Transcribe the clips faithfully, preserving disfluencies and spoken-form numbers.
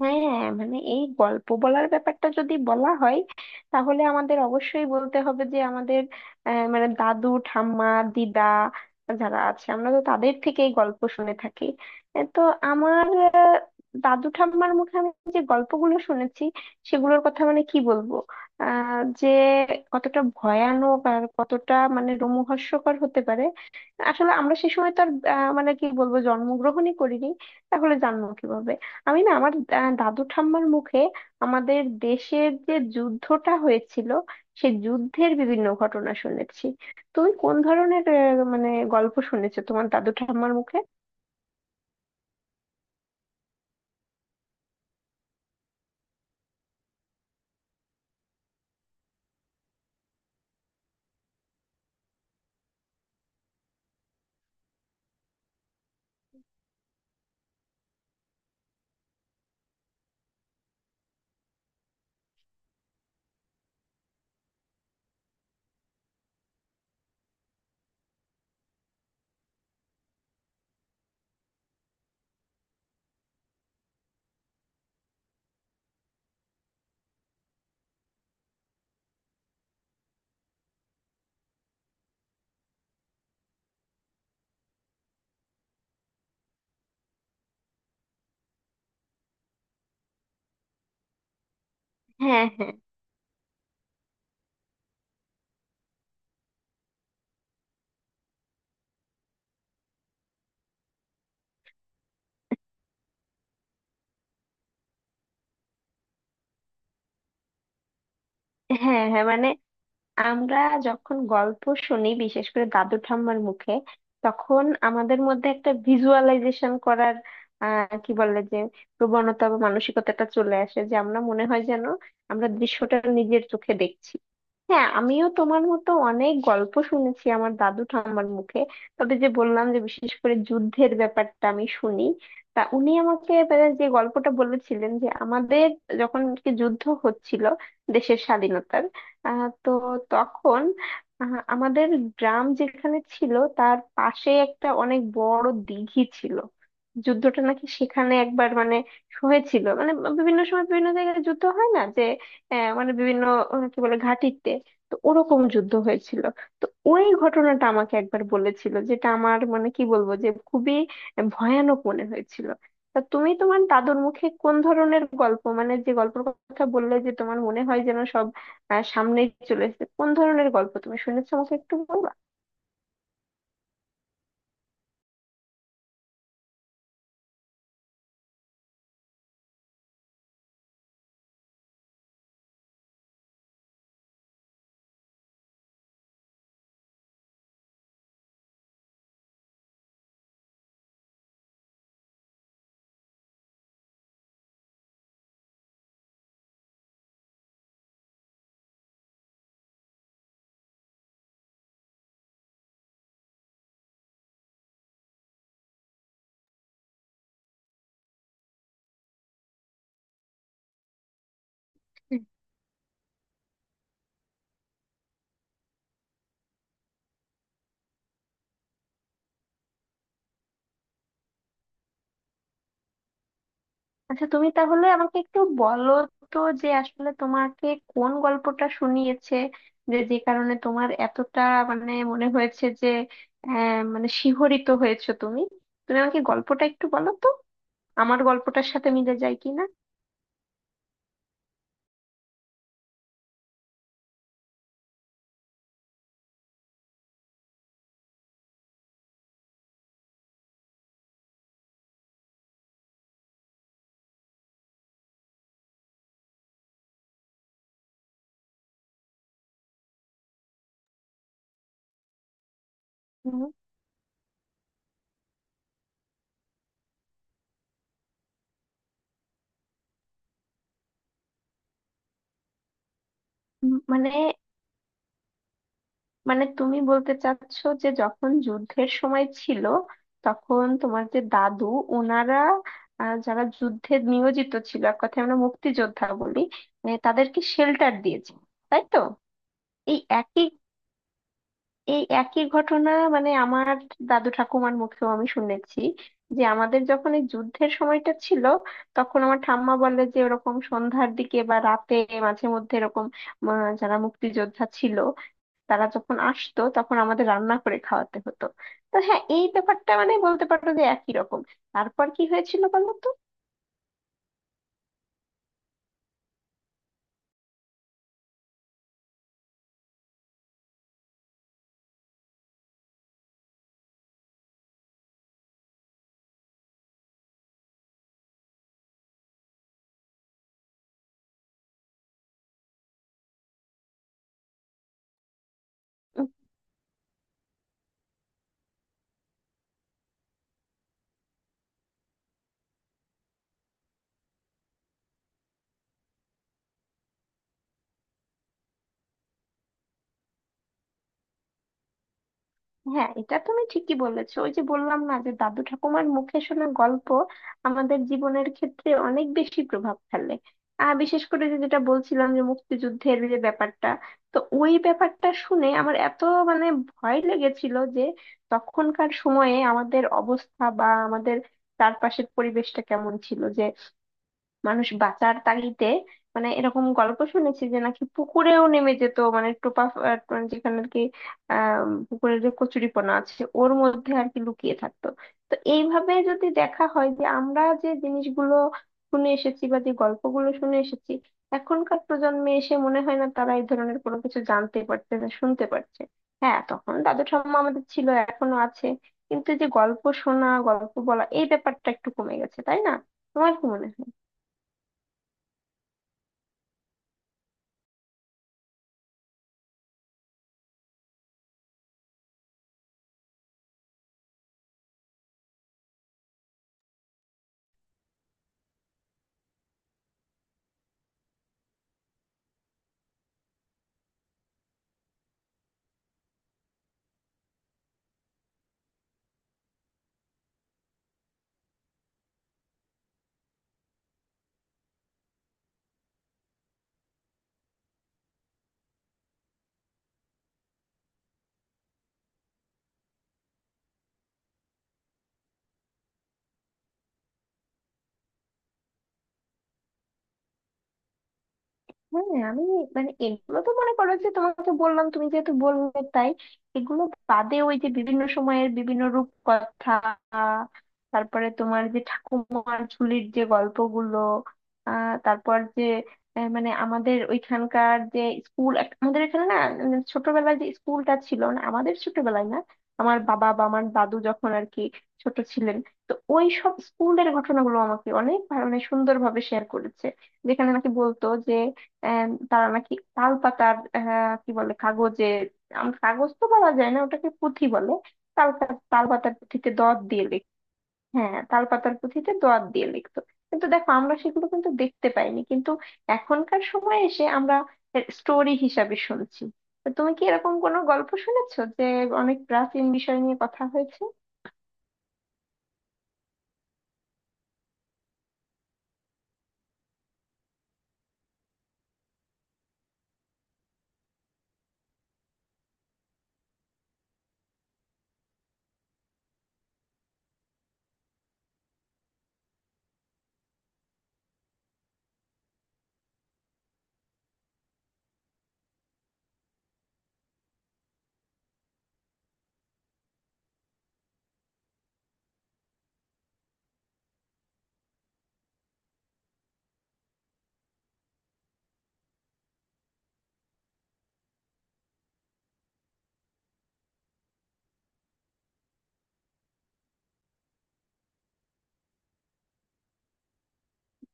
হ্যাঁ হ্যাঁ, মানে এই গল্প বলার ব্যাপারটা যদি বলা হয়, তাহলে আমাদের অবশ্যই বলতে হবে যে আমাদের আহ, মানে দাদু ঠাম্মা, দিদা, যারা আছে, আমরা তো তাদের থেকেই গল্প শুনে থাকি। এ তো আমার, আহ, দাদু ঠাম্মার মুখে আমি যে গল্পগুলো শুনেছি, সেগুলোর কথা মানে কি বলবো, আহ যে কতটা ভয়ানক আর কতটা মানে রোমহর্ষকর হতে পারে। আসলে আমরা সে সময় তো আর, আহ, মানে কি বলবো, জন্মগ্রহণই করিনি, তাহলে জানবো কিভাবে। আমি না আমার, আহ, দাদু ঠাম্মার মুখে আমাদের দেশের যে যুদ্ধটা হয়েছিল, সে যুদ্ধের বিভিন্ন ঘটনা শুনেছি। তুমি কোন ধরনের আহ, মানে গল্প শুনেছো তোমার দাদু ঠাম্মার মুখে? হ্যাঁ হ্যাঁ। হ্যাঁ হ্যাঁ, মানে আমরা যখন গল্প শুনি, বিশেষ করে দাদু ঠাম্মার মুখে, তখন আমাদের মধ্যে একটা ভিজুয়ালাইজেশন করার আহ কি বলে, যে প্রবণতা বা মানসিকতাটা চলে আসে, যে আমরা মনে হয় যেন আমরা দৃশ্যটা নিজের চোখে দেখছি। হ্যাঁ, আমিও তোমার মতো অনেক গল্প শুনেছি আমার দাদু ঠাম্মার মুখে। তবে যে বললাম, যে বিশেষ করে যুদ্ধের ব্যাপারটা আমি শুনি, তা উনি আমাকে এবারে যে গল্পটা বলেছিলেন যে আমাদের যখন কি যুদ্ধ হচ্ছিল, দেশের স্বাধীনতার, আহ তো তখন আহ, আমাদের গ্রাম যেখানে ছিল, তার পাশে একটা অনেক বড় দিঘি ছিল। যুদ্ধটা নাকি সেখানে একবার মানে হয়েছিল, মানে বিভিন্ন সময় বিভিন্ন জায়গায় যুদ্ধ হয় না, যে আহ, মানে বিভিন্ন আহ, কি বলে ঘাঁটিতে, তো ওরকম যুদ্ধ হয়েছিল। তো ওই ঘটনাটা আমাকে একবার বলেছিল, যেটা আমার মানে কি বলবো, যে খুবই ভয়ানক মনে হয়েছিল। তা তুমি তোমার দাদুর মুখে কোন ধরনের গল্প, মানে যে গল্পের কথা বললে যে তোমার মনে হয় যেন সব আহ সামনেই চলে এসেছে, কোন ধরনের গল্প তুমি শুনেছো, আমাকে একটু বলবা? হুম। আচ্ছা, তুমি তাহলে আমাকে একটু বলো তো, যে আসলে তোমাকে কোন গল্পটা শুনিয়েছে, যে যে কারণে তোমার এতটা মানে মনে হয়েছে যে, আহ মানে শিহরিত হয়েছো তুমি। তুমি আমাকে গল্পটা একটু বলো তো আমার গল্পটার সাথে মিলে যায় কিনা। হুম। উম, মানে, মানে তুমি বলতে চাচ্ছো যে যখন যুদ্ধের সময় ছিল, তখন তোমার যে দাদু, ওনারা, আহ, যারা যুদ্ধে নিয়োজিত ছিল, এক কথায় আমরা মুক্তিযোদ্ধা বলি, মানে তাদেরকে শেল্টার দিয়েছে, তাই তো? এই একই, এই একই ঘটনা মানে আমার দাদু ঠাকুমার মুখেও আমি শুনেছি, যে আমাদের যখন এই যুদ্ধের সময়টা ছিল, তখন আমার ঠাম্মা বলে যে ওরকম সন্ধ্যার দিকে বা রাতে মাঝে মধ্যে এরকম আহ, যারা মুক্তিযোদ্ধা ছিল, তারা যখন আসতো তখন আমাদের রান্না করে খাওয়াতে হতো। তো হ্যাঁ, এই ব্যাপারটা মানে বলতে পারো যে একই রকম। তারপর কি হয়েছিল বলো তো? উম, হ্যাঁ, এটা তুমি ঠিকই বলেছো। ওই যে বললাম না, যে দাদু ঠাকুমার মুখে শোনা গল্প আমাদের জীবনের ক্ষেত্রে অনেক বেশি প্রভাব ফেলে। আর বিশেষ করে যে যেটা বলছিলাম, যে মুক্তিযুদ্ধের যে ব্যাপারটা, তো ওই ব্যাপারটা শুনে আমার এত মানে ভয় লেগেছিল যে, তখনকার সময়ে আমাদের অবস্থা বা আমাদের চারপাশের পরিবেশটা কেমন ছিল যে মানুষ বাঁচার তাগিদে, মানে এরকম গল্প শুনেছি যে নাকি পুকুরেও নেমে যেত, মানে টোপা আহ, মানে যেখানে আর কি, আহ পুকুরের যে কচুরিপানা আছে ওর মধ্যে আর কি লুকিয়ে থাকতো। তো এইভাবে যদি দেখা হয়, যে আমরা যে জিনিসগুলো শুনে এসেছি বা যে গল্পগুলো শুনে এসেছি, এখনকার প্রজন্মে এসে মনে হয় না তারা এই ধরনের কোনো কিছু জানতে পারছে না শুনতে পারছে। হ্যাঁ, তখন দাদু ঠাম্মা আমাদের ছিল, এখনো আছে, কিন্তু এই যে গল্প শোনা, গল্প বলা, এই ব্যাপারটা একটু কমে গেছে, তাই না? তোমার কি মনে হয়? হ্যাঁ, আমি মানে এগুলো তো মনে করো যে তোমাকে বললাম, তুমি যেহেতু বললে তাই। এগুলো বাদে ওই যে বিভিন্ন সময়ের বিভিন্ন রূপকথা, তারপরে তোমার যে ঠাকুমার ঝুলির যে গল্পগুলো, আহ তারপর যে আহ, মানে আমাদের ওইখানকার যে স্কুল, আমাদের এখানে না, উম, ছোটবেলায় যে স্কুলটা ছিল না আমাদের, ছোটবেলায় না আমার বাবা বা আমার দাদু যখন আর কি ছোট ছিলেন, তো ওই সব স্কুলের ঘটনাগুলো আমাকে অনেক ভালো মানে সুন্দরভাবে শেয়ার করেছে। যেখানে নাকি বলতো যে, আহ, তারা নাকি তাল পাতার, আহ, কি বলে কাগজে, আম- কাগজ তো বলা যায় না, ওটাকে পুঁথি বলে। তাল পা- তাল পাতার পুঁথিতে দত দিয়ে লিখ। হ্যাঁ, তাল পাতার পুঁথিতে দত দিয়ে লিখতো। কিন্তু দেখো আমরা সেগুলো কিন্তু দেখতে পাইনি, কিন্তু এখনকার সময়ে এসে আমরা স্টোরি হিসাবে শুনছি। তো তুমি কি এরকম কোনো গল্প শুনেছো যে অনেক প্রাচীন বিষয় নিয়ে কথা হয়েছে?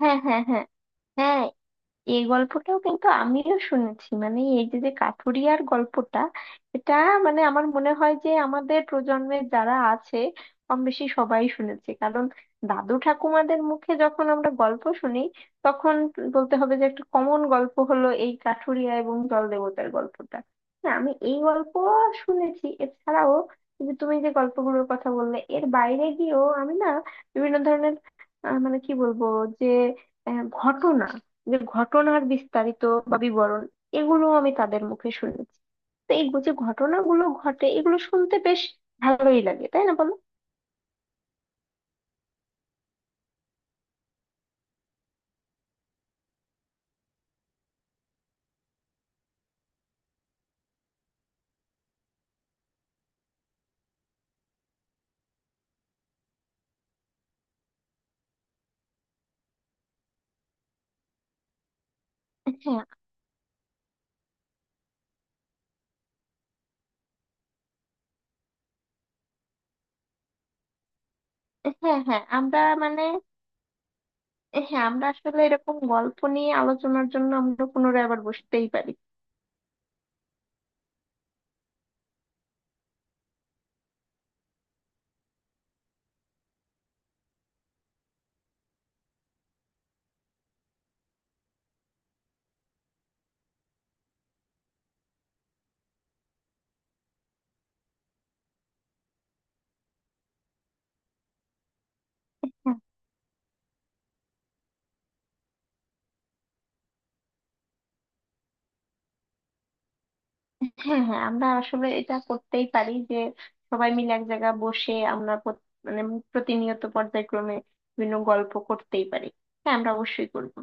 হ্যাঁ হ্যাঁ হ্যাঁ। হ্যাঁ, এই গল্পটাও কিন্তু আমিও শুনেছি, মানে এই যে যে কাঠুরিয়ার গল্পটা, এটা মানে আমার মনে হয় যে আমাদের প্রজন্মের যারা আছে কম বেশি সবাই শুনেছে, কারণ দাদু ঠাকুমাদের মুখে যখন আমরা গল্প শুনি, তখন বলতে হবে যে একটা কমন গল্প হলো এই কাঠুরিয়া এবং জল দেবতার গল্পটা। না, আমি এই গল্প শুনেছি। এছাড়াও এই যে তুমি যে গল্পগুলোর কথা বললে, এর বাইরে গিয়েও আমি না বিভিন্ন ধরনের, আহ, মানে কি বলবো, যে আহ, ঘটনা, যে ঘটনার বিস্তারিত বা বিবরণ, এগুলো আমি তাদের মুখে শুনেছি। তো এই যে ঘটনাগুলো ঘটে, এগুলো শুনতে বেশ ভালোই লাগে, তাই না বলো? হ্যাঁ হ্যাঁ হ্যাঁ। আমরা মানে, হ্যাঁ আমরা আসলে এরকম গল্প নিয়ে আলোচনার জন্য আমরা পুনরায় আবার বসতেই পারি। হ্যাঁ হ্যাঁ। হ্যাঁ, আমরা আসলে এটা করতেই পারি যে সবাই মিলে এক জায়গায় বসে আমরা প্রত- মানে প্রতিনিয়ত পর্যায়ক্রমে বিভিন্ন গল্প করতেই পারি। হ্যাঁ, আমরা অবশ্যই করবো।